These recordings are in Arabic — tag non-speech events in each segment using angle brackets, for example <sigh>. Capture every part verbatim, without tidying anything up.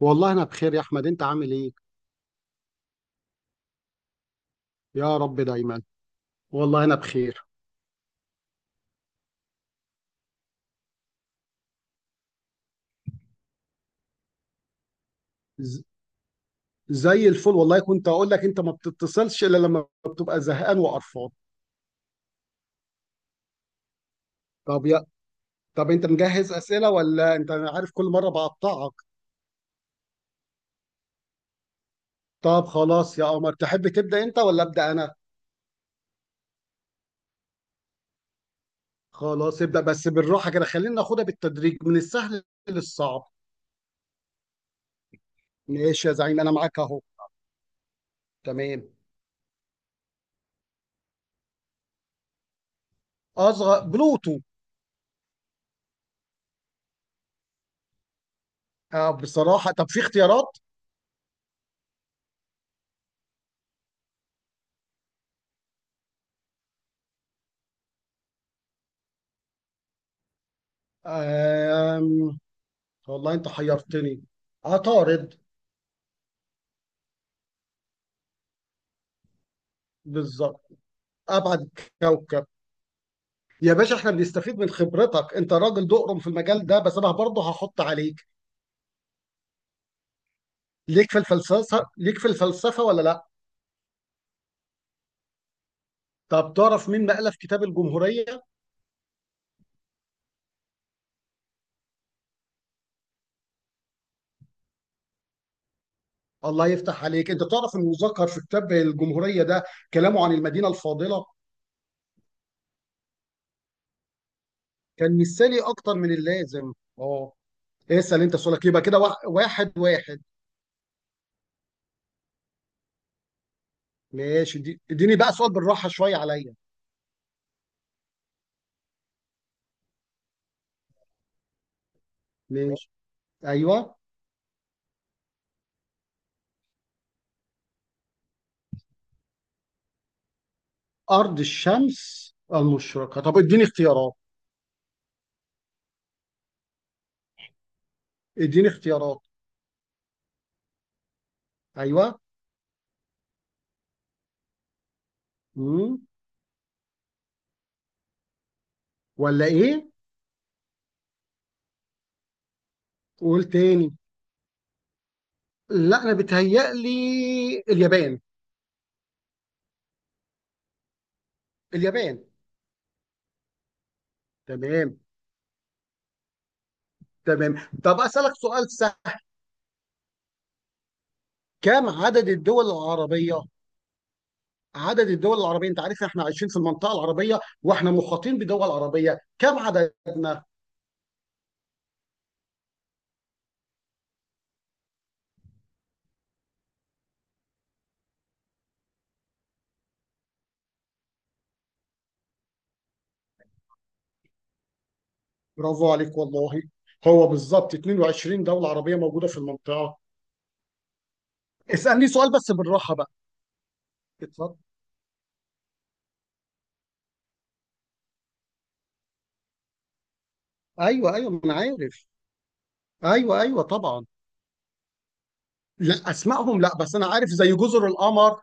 والله انا بخير يا احمد، انت عامل ايه؟ يا رب دايما. والله انا بخير. ز- زي الفل، والله كنت اقول لك انت ما بتتصلش الا لما بتبقى زهقان وقرفان. طب يا طب انت مجهز اسئله ولا انت، أنا عارف كل مره بقطعك. طب خلاص يا قمر، تحب تبدا انت ولا ابدا انا؟ خلاص ابدا، بس بالراحه كده، خلينا ناخدها بالتدريج من السهل للصعب. ماشي يا زعيم، انا معاك اهو. تمام. اصغر بلوتو. آه، بصراحه. طب في اختيارات؟ آه، والله انت حيرتني. عطارد. بالظبط، ابعد كوكب. يا باشا، احنا بنستفيد من خبرتك، انت راجل دقرم في المجال ده، بس انا برضه هحط عليك. ليك في الفلسفه، ليك في الفلسفه ولا لا؟ طب تعرف مين ما الف كتاب الجمهوريه؟ الله يفتح عليك، انت تعرف ان مذكر في كتاب الجمهوريه ده كلامه عن المدينه الفاضله. كان مثالي اكتر من اللازم. اه. اسال انت سؤالك، يبقى كده واحد واحد واحد. ماشي. دي- اديني بقى سؤال بالراحه شويه عليا. ماشي، ايوه. أرض الشمس المشرقة، طب اديني اختيارات. اديني اختيارات. أيوه. مم. ولا إيه؟ قول تاني. لا، أنا بتهيألي اليابان. اليابان. تمام. تمام، طب أسألك سؤال سهل. كم عدد الدول العربية؟ عدد الدول العربية، أنت عارف إحنا عايشين في المنطقة العربية، وإحنا محاطين بدول عربية، كم عددنا؟ برافو عليك والله. هو بالظبط اتنين وعشرين دولة عربية موجودة في المنطقة. اسألني سؤال بس بالراحة بقى. اتفضل. ايوه ايوه، ما انا عارف. ايوه ايوه طبعا. لا، اسمائهم لا، بس انا عارف زي جزر القمر.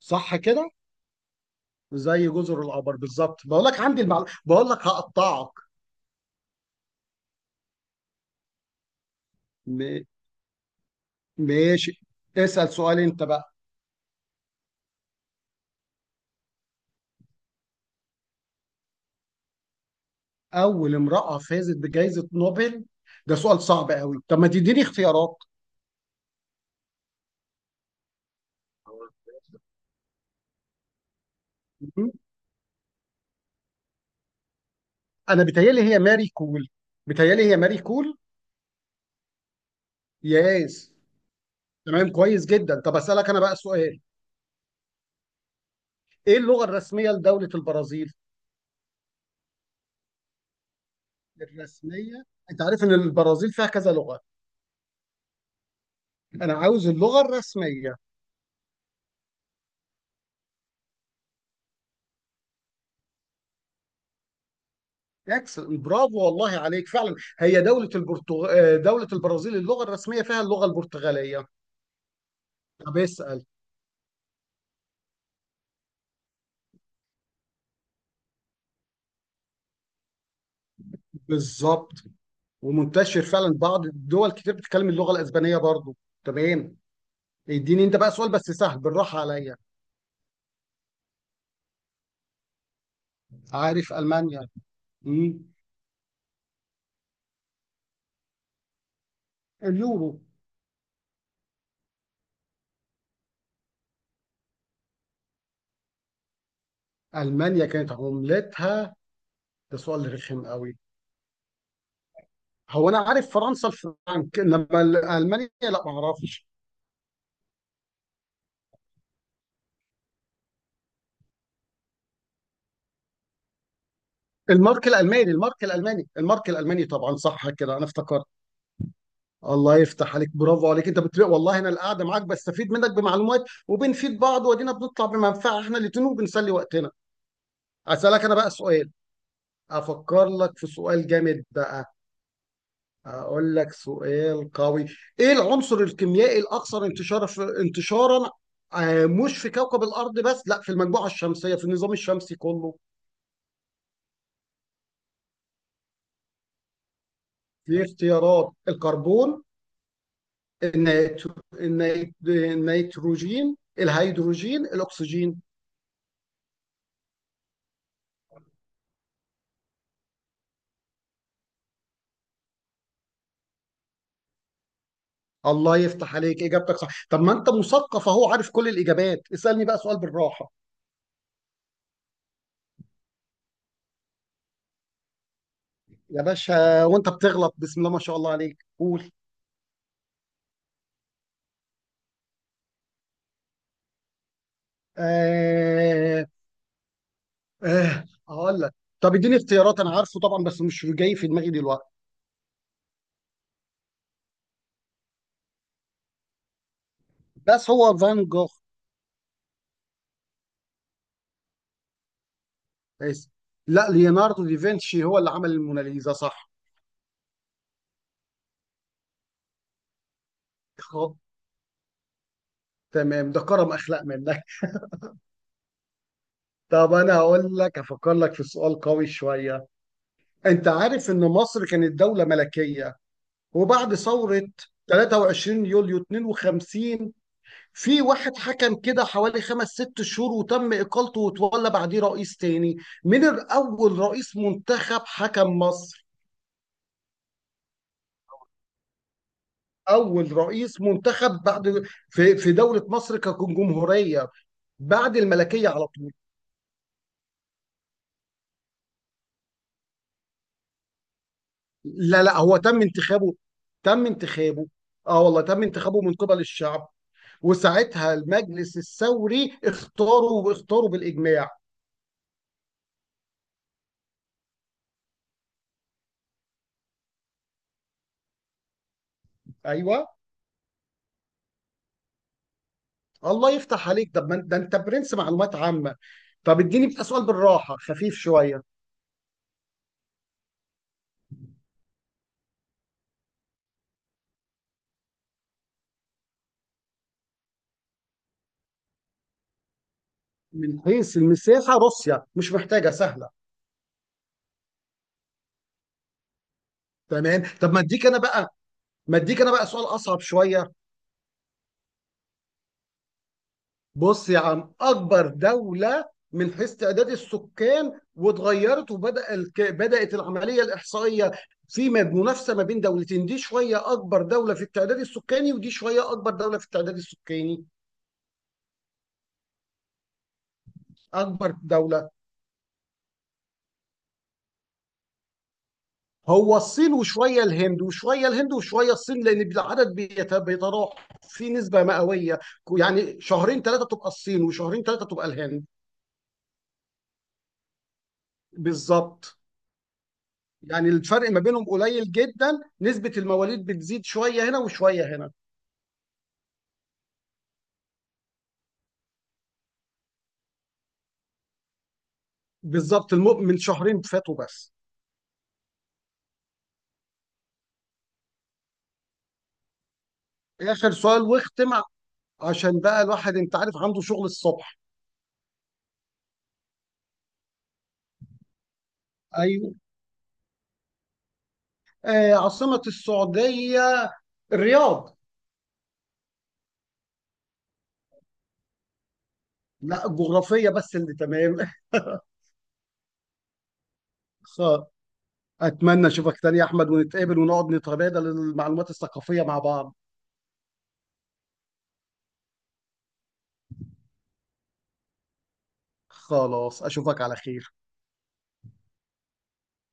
صح كده. زي جزر القمر بالظبط، بقول لك عندي المعلومه، بقول لك هقطعك. م... ماشي. اسال سؤال انت بقى. اول امراه فازت بجائزه نوبل. ده سؤال صعب قوي، طب ما تديني اختيارات. م- انا بيتهيألي هي ماري كول. بيتهيألي هي ماري كول. ياس. تمام كويس جدا، طب اسالك انا بقى سؤال. ايه اللغه الرسميه لدوله البرازيل؟ الرسميه، انت عارف ان البرازيل فيها كذا لغه، انا عاوز اللغه الرسميه. اكسل، برافو والله عليك فعلا، هي دوله البرتغ... آه، دوله البرازيل اللغه الرسميه فيها اللغه البرتغاليه. طب اسال. بالظبط. ومنتشر فعلا بعض الدول كتير بتتكلم اللغه الاسبانيه برضو. تمام. اديني انت بقى سؤال بس سهل بالراحه عليا. عارف المانيا. مم. اليورو. المانيا كانت عملتها، ده سؤال رخم قوي. هو انا عارف فرنسا الفرنك، انما المانيا لا، ما اعرفش. المارك الالماني، المارك الالماني، المارك الالماني طبعا، صح كده انا افتكرت. الله يفتح عليك، برافو عليك، انت بتلاقي والله انا القعده معاك بستفيد منك بمعلومات، وبنفيد بعض، وادينا بنطلع بمنفعه احنا الاتنين، وبنسلي وقتنا. اسالك انا بقى سؤال. افكر لك في سؤال جامد بقى. اقول لك سؤال قوي. ايه العنصر الكيميائي الاكثر انتشار في انتشارا، آه، مش في كوكب الارض بس، لا، في المجموعه الشمسيه، في النظام الشمسي كله؟ في اختيارات: الكربون، النيترو- النيت- النيتروجين، الهيدروجين، الاكسجين. الله يفتح عليك، اجابتك صح، طب ما انت مثقف اهو، عارف كل الاجابات، اسالني بقى سؤال بالراحه. يا باشا، وانت بتغلط بسم الله ما شاء الله عليك، قول. آه آه، هقول لك. طب اديني اختيارات، انا عارفه طبعا بس مش جاي في دماغي دلوقتي. بس هو فان جوخ. بس لا، ليوناردو دافنشي هو اللي عمل الموناليزا، صح. خب. تمام، ده كرم اخلاق منك. طب انا هقول لك، افكر لك في سؤال قوي شويه. انت عارف ان مصر كانت دولة ملكية، وبعد ثورة تلاته وعشرين يوليو اتنين وخمسين في واحد حكم كده حوالي خمس ست شهور، وتم اقالته، وتولى بعديه رئيس تاني. من اول رئيس منتخب حكم مصر؟ اول رئيس منتخب بعد، في في دولة مصر كجمهورية، بعد الملكية على طول. لا لا، هو تم انتخابه. تم انتخابه. اه والله، تم انتخابه من قبل الشعب. وساعتها المجلس الثوري اختاروا واختاروا بالاجماع. ايوه. الله يفتح عليك، طب ما أنت- ده انت برنس معلومات عامه. طب اديني بقى سؤال بالراحه خفيف شويه. من حيث المساحه روسيا، مش محتاجه سهله. تمام، طب ما اديك انا بقى ما اديك انا بقى سؤال اصعب شويه. بص يا عم، اكبر دولة من حيث تعداد السكان واتغيرت، وبدأ الك... بدأت العملية الإحصائية في م- منافسة ما بين دولتين، دي شوية أكبر دولة في التعداد السكاني، ودي شوية أكبر دولة في التعداد السكاني. أكبر دولة. هو الصين وشوية الهند وشوية الهند وشوية الصين، لأن العدد بيت- بيتراوح في نسبة مئوية. يعني شهرين ثلاثة تبقى الصين، وشهرين ثلاثة تبقى الهند. بالظبط. يعني الفرق ما بينهم قليل جدا، نسبة المواليد بتزيد شوية هنا وشوية هنا. بالظبط، الم- من شهرين فاتوا بس. آخر سؤال واختم، عشان بقى الواحد أنت عارف عنده شغل الصبح. أيوه. آه، عاصمة السعودية. الرياض. لا، الجغرافية بس اللي تمام. <laughs> خ- أتمنى أشوفك تاني يا أحمد، ونتقابل ونقعد نتبادل المعلومات الثقافية مع بعض. خلاص، أشوفك على خير.